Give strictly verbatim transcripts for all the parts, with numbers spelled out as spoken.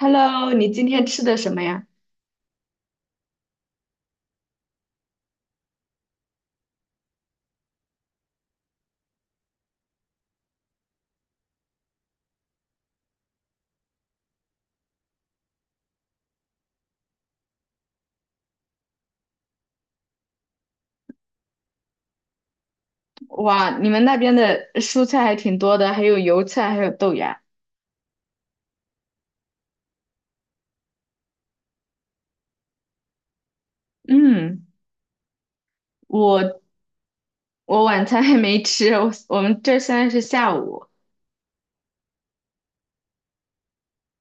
Hello，你今天吃的什么呀？哇，你们那边的蔬菜还挺多的，还有油菜，还有豆芽。嗯，我我晚餐还没吃，我我们这现在是下午，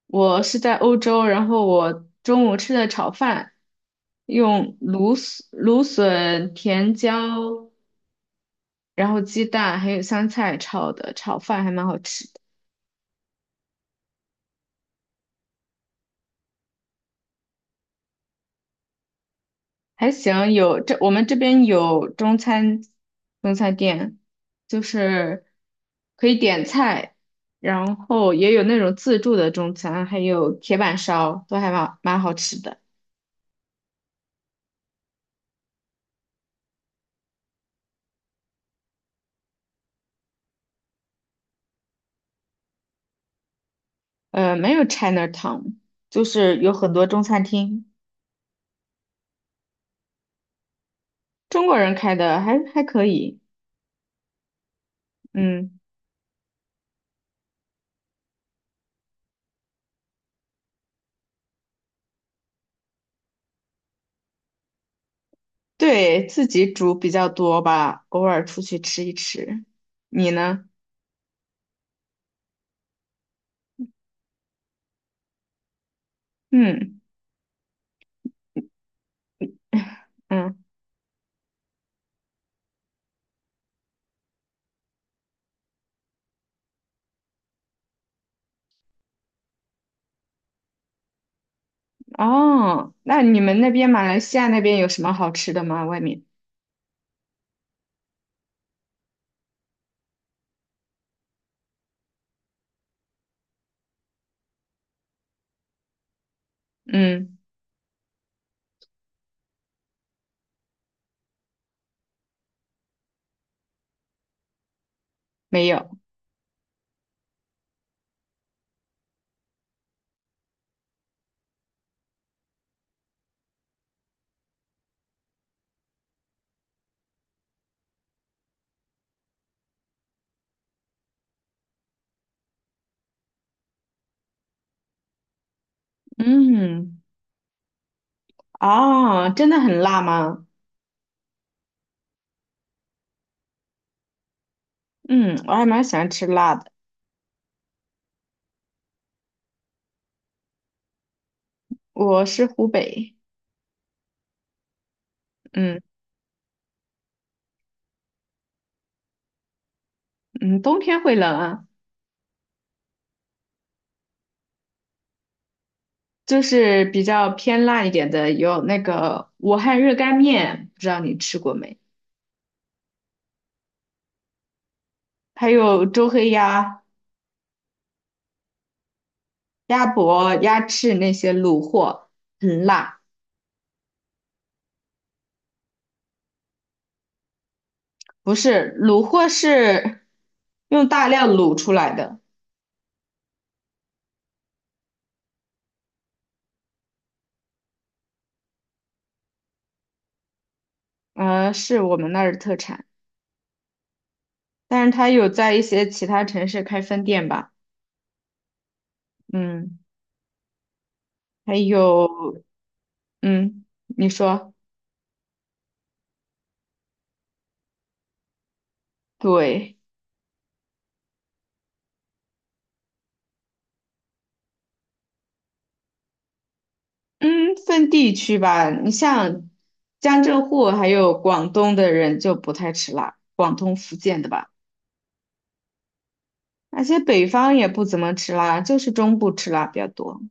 我是在欧洲，然后我中午吃的炒饭，用芦笋、芦笋、甜椒，然后鸡蛋还有香菜炒的，炒饭还蛮好吃。还行，有这我们这边有中餐中餐店，就是可以点菜，然后也有那种自助的中餐，还有铁板烧，都还蛮蛮好吃的。呃，没有 Chinatown，就是有很多中餐厅，中国人开的还还可以。嗯，对，自己煮比较多吧，偶尔出去吃一吃。你呢？嗯嗯。哦，那你们那边马来西亚那边有什么好吃的吗？外面？嗯，没有。嗯，哦，真的很辣吗？嗯，我还蛮喜欢吃辣的。我是湖北，嗯嗯，冬天会冷啊，就是比较偏辣一点的，有那个武汉热干面，不知道你吃过没？还有周黑鸭、鸭脖、鸭翅那些卤货，很辣。不是，卤货是用大料卤出来的。呃，是我们那儿的特产，但是它有在一些其他城市开分店吧。嗯，还有，嗯，你说，对，嗯，分地区吧，你像江浙沪还有广东的人就不太吃辣，广东、福建的吧，而且北方也不怎么吃辣，就是中部吃辣比较多，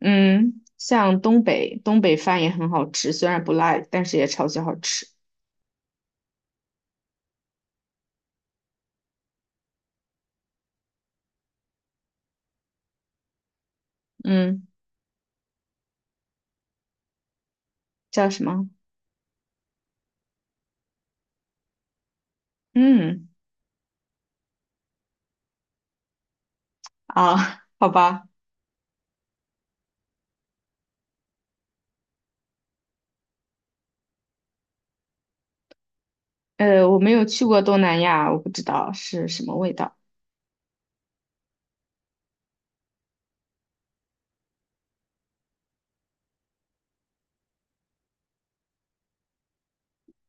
嗯，像东北，东北饭也很好吃，虽然不辣，但是也超级好吃，嗯，叫什么？嗯，啊，好吧。呃，我没有去过东南亚，我不知道是什么味道。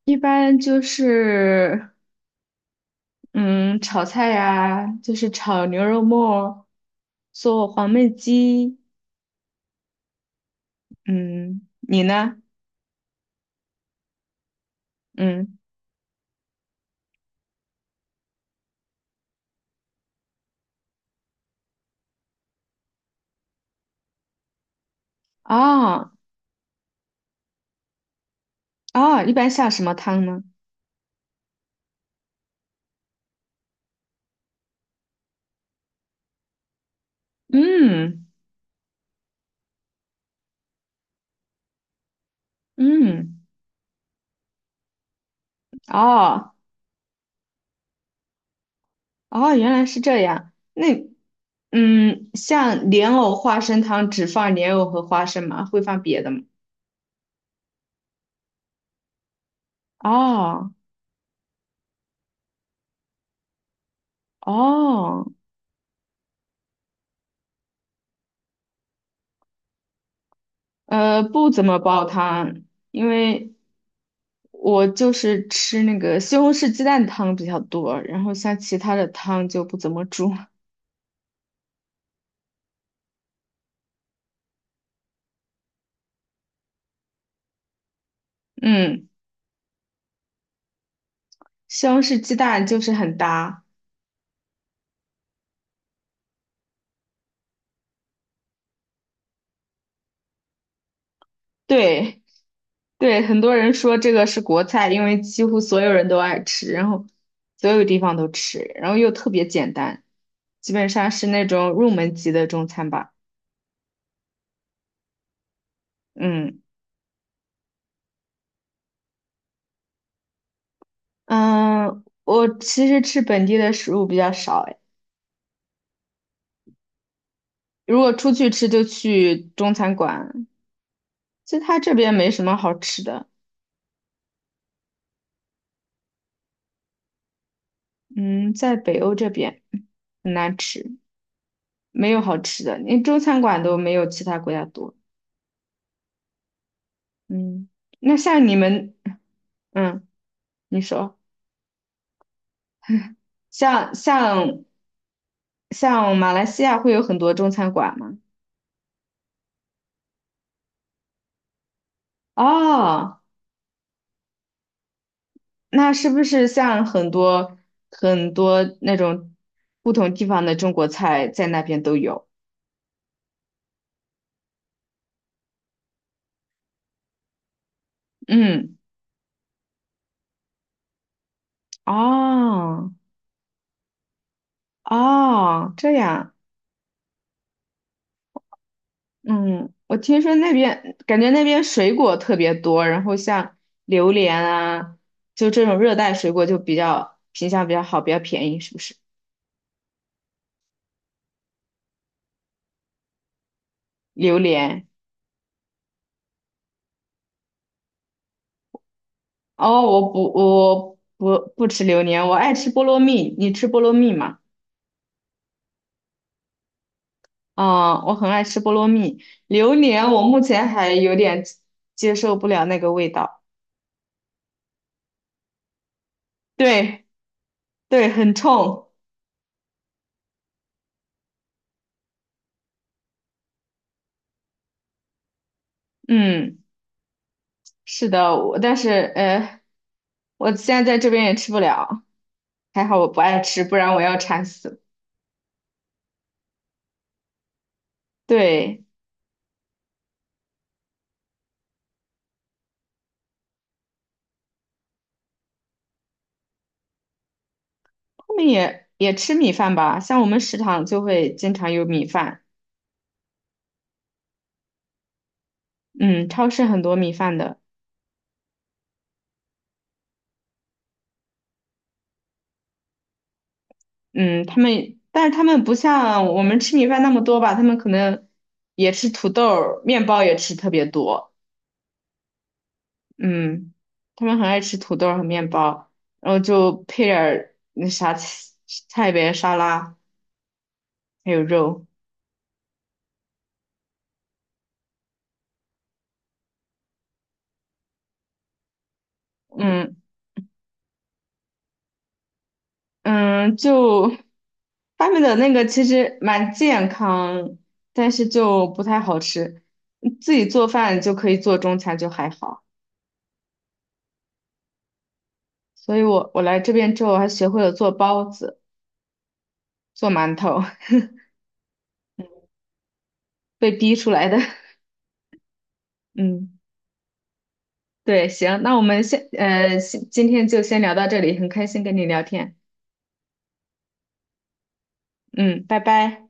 一般就是，嗯，炒菜呀、就是炒牛肉末，做黄焖鸡。嗯，你呢？嗯，哦哦，一般下什么汤呢？嗯嗯，哦哦，原来是这样。那嗯，像莲藕花生汤只放莲藕和花生吗？会放别的吗？哦哦，呃，不怎么煲汤，因为我就是吃那个西红柿鸡蛋汤比较多，然后像其他的汤就不怎么煮。嗯，西红柿鸡蛋就是很搭。对对，很多人说这个是国菜，因为几乎所有人都爱吃，然后所有地方都吃，然后又特别简单，基本上是那种入门级的中餐吧。嗯嗯，我其实吃本地的食物比较少，如果出去吃就去中餐馆，其实它这边没什么好吃的。嗯，在北欧这边很难吃，没有好吃的，连中餐馆都没有其他国家多。嗯，那像你们，嗯，你说，像像像马来西亚会有很多中餐馆吗？哦，那是不是像很多很多那种不同地方的中国菜在那边都有？嗯，哦。哦，这样，嗯，我听说那边感觉那边水果特别多，然后像榴莲啊，就这种热带水果就比较品相比较好，比较便宜，是不是？榴莲，哦，我不，我不不吃榴莲，我爱吃菠萝蜜，你吃菠萝蜜吗？啊、我很爱吃菠萝蜜，榴莲我目前还有点接受不了那个味道，对对，很冲，嗯，是的，我但是呃。我现在在这边也吃不了，还好我不爱吃，不然我要馋死。对，他们也也吃米饭吧，像我们食堂就会经常有米饭，嗯，超市很多米饭的，嗯，他们，但是他们不像我们吃米饭那么多吧，他们可能也吃土豆儿面包也吃特别多，嗯，他们很爱吃土豆儿和面包，然后就配点儿那啥菜菜呗，沙拉还有肉，嗯。嗯，就发明的那个其实蛮健康，但是就不太好吃。自己做饭就可以做中餐，就还好。所以我我来这边之后还学会了做包子、做馒头，被逼出来的。嗯，对，行，那我们先呃，先今天就先聊到这里，很开心跟你聊天。嗯，拜拜。